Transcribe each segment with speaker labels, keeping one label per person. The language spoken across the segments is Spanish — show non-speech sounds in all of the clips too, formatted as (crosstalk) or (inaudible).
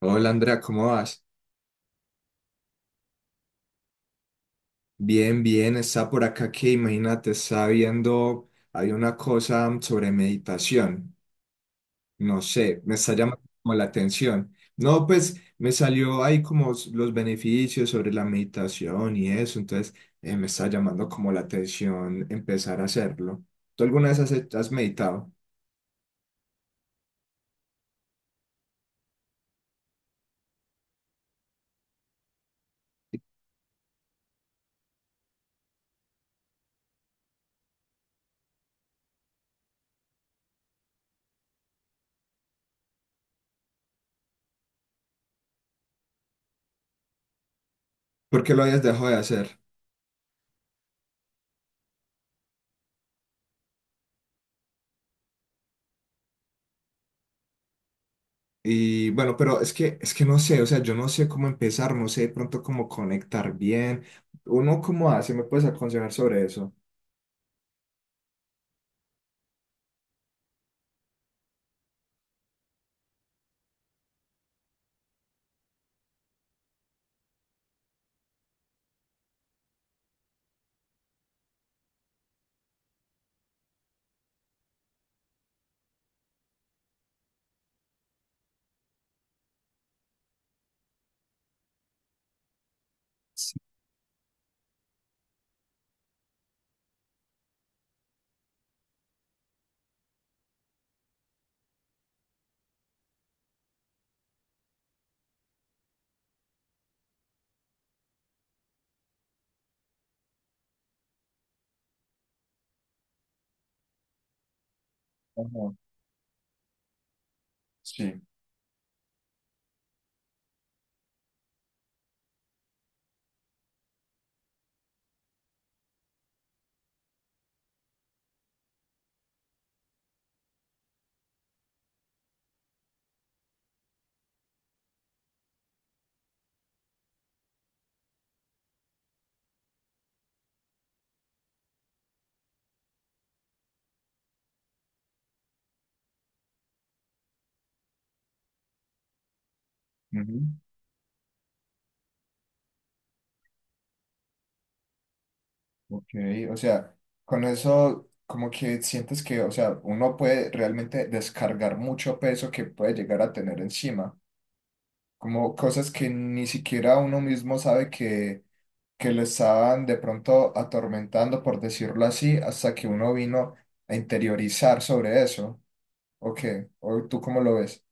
Speaker 1: Hola Andrea, ¿cómo vas? Bien, bien, está por acá que imagínate, está viendo, hay una cosa sobre meditación, no sé, me está llamando como la atención. No, pues me salió ahí como los beneficios sobre la meditación y eso, entonces me está llamando como la atención empezar a hacerlo. ¿Tú alguna vez has meditado? ¿Por qué lo habías dejado de hacer? Y bueno, pero es que no sé, o sea, yo no sé cómo empezar, no sé de pronto cómo conectar bien. ¿Uno cómo hace? ¿Me puedes aconsejar sobre eso? Ajá, sí, ujú, ok, o sea, con eso como que sientes que, o sea, uno puede realmente descargar mucho peso que puede llegar a tener encima, como cosas que ni siquiera uno mismo sabe que le estaban de pronto atormentando, por decirlo así, hasta que uno vino a interiorizar sobre eso. Ok, o ¿tú cómo lo ves?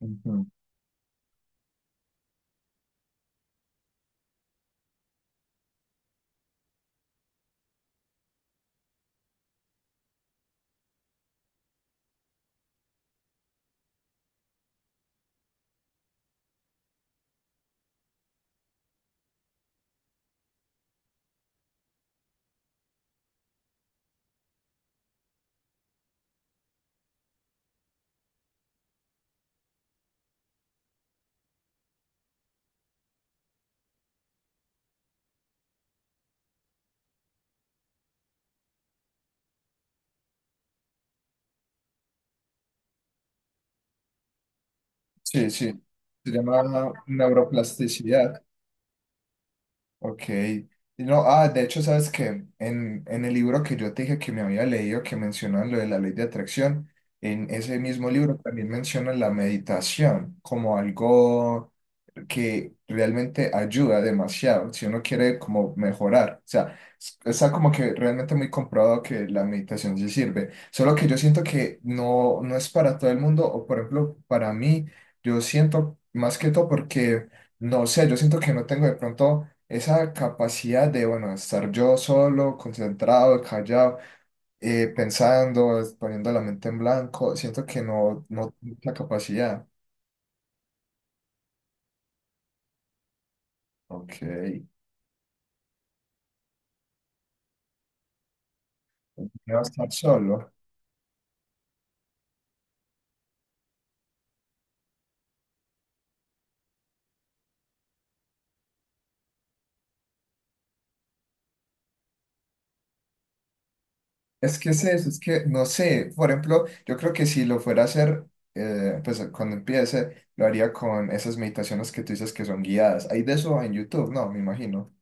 Speaker 1: Ujú. Sí, sí. Se llama neuroplasticidad. Ok. Y no, ah, de hecho, ¿sabes qué? En el libro que yo te dije que me había leído, que mencionan lo de la ley de atracción, en ese mismo libro también mencionan la meditación como algo que realmente ayuda demasiado si uno quiere como mejorar. O sea, está como que realmente muy comprobado que la meditación sí sirve. Solo que yo siento que no, no es para todo el mundo, o por ejemplo, para mí, yo siento más que todo porque, no sé, yo siento que no tengo de pronto esa capacidad de, bueno, estar yo solo, concentrado, callado. Pensando, poniendo la mente en blanco, siento que no, no tengo la capacidad. Ok, no estar solo. Es que es eso, es que no sé, por ejemplo, yo creo que si lo fuera a hacer, pues cuando empiece, lo haría con esas meditaciones que tú dices que son guiadas. Hay de eso en YouTube, no, me imagino.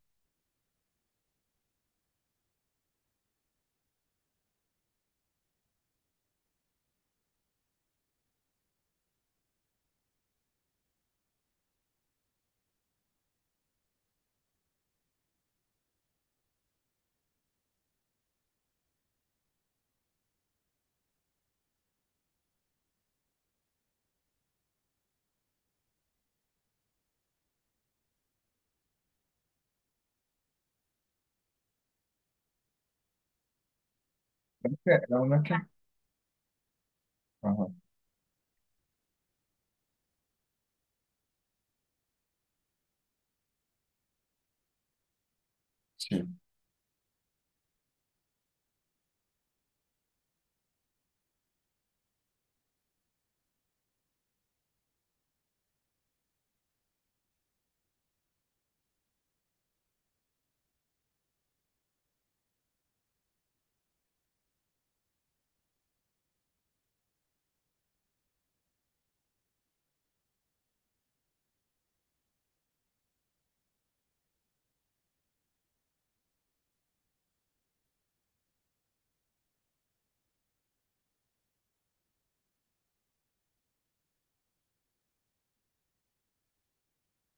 Speaker 1: Creo que era una que... Ajá, sí.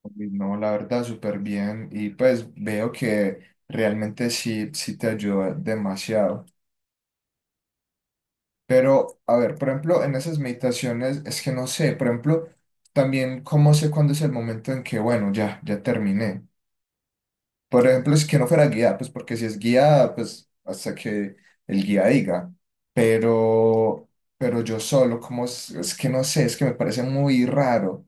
Speaker 1: Uy, no, la verdad, súper bien. Y pues veo que realmente sí, sí te ayuda demasiado. Pero, a ver, por ejemplo, en esas meditaciones, es que no sé, por ejemplo, también cómo sé cuándo es el momento en que, bueno, ya, ya terminé. Por ejemplo, si que no fuera guiada pues porque si es guiada pues hasta que el guía diga. Pero, pero yo solo, como es que no sé, es que me parece muy raro.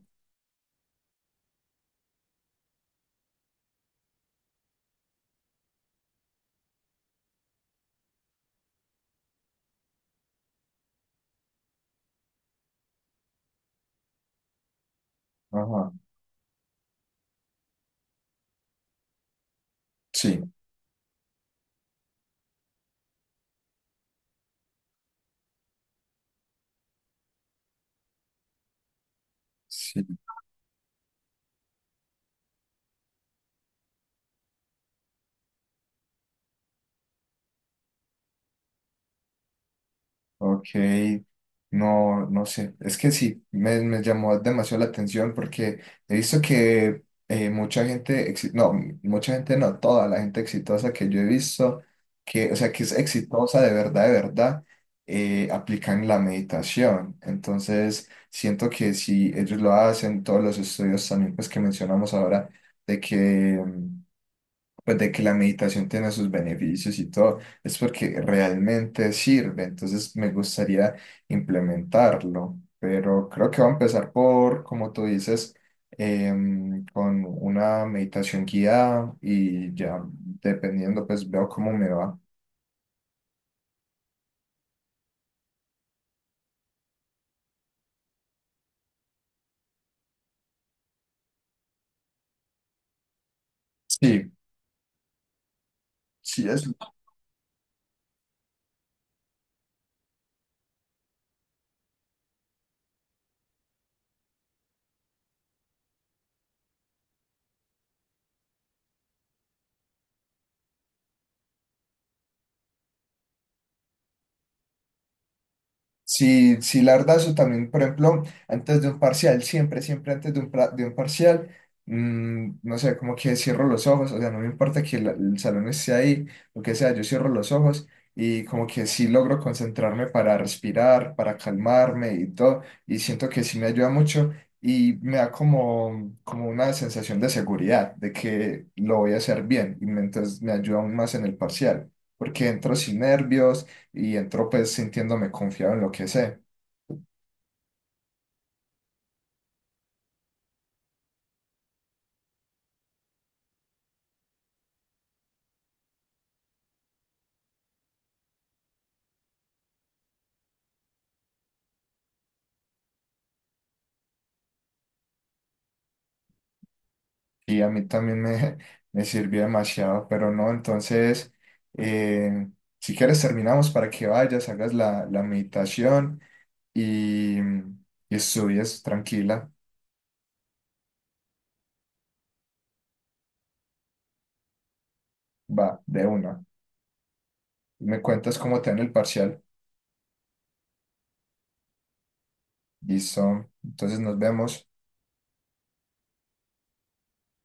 Speaker 1: Ajá. Sí, sí. Ok, no, no sé, es que sí, me llamó demasiado la atención porque he visto que mucha gente, no, mucha gente no, toda la gente exitosa que yo he visto, que, o sea, que es exitosa de verdad, aplican la meditación. Entonces, siento que si ellos lo hacen, todos los estudios también, pues que mencionamos ahora, de que pues de que la meditación tiene sus beneficios y todo, es porque realmente sirve, entonces me gustaría implementarlo, pero creo que va a empezar por, como tú dices, con una meditación guiada y ya dependiendo, pues veo cómo me va. Sí, sí, es sí, sí, la verdad, eso también, por ejemplo, antes de un parcial, siempre, siempre antes de de un parcial, no sé, como que cierro los ojos, o sea, no me importa que el salón esté ahí, lo que sea, yo cierro los ojos y como que sí logro concentrarme para respirar, para calmarme y todo, y siento que sí me ayuda mucho y me da como, como una sensación de seguridad, de que lo voy a hacer bien, y entonces me ayuda aún más en el parcial, porque entro sin nervios y entro pues sintiéndome confiado en lo que sé. Y a mí también (laughs) me sirvió demasiado, pero no, entonces, eh, si quieres terminamos para que vayas, hagas la meditación y estudies tranquila, va, de una. Me cuentas cómo te va en el parcial. Listo, entonces nos vemos.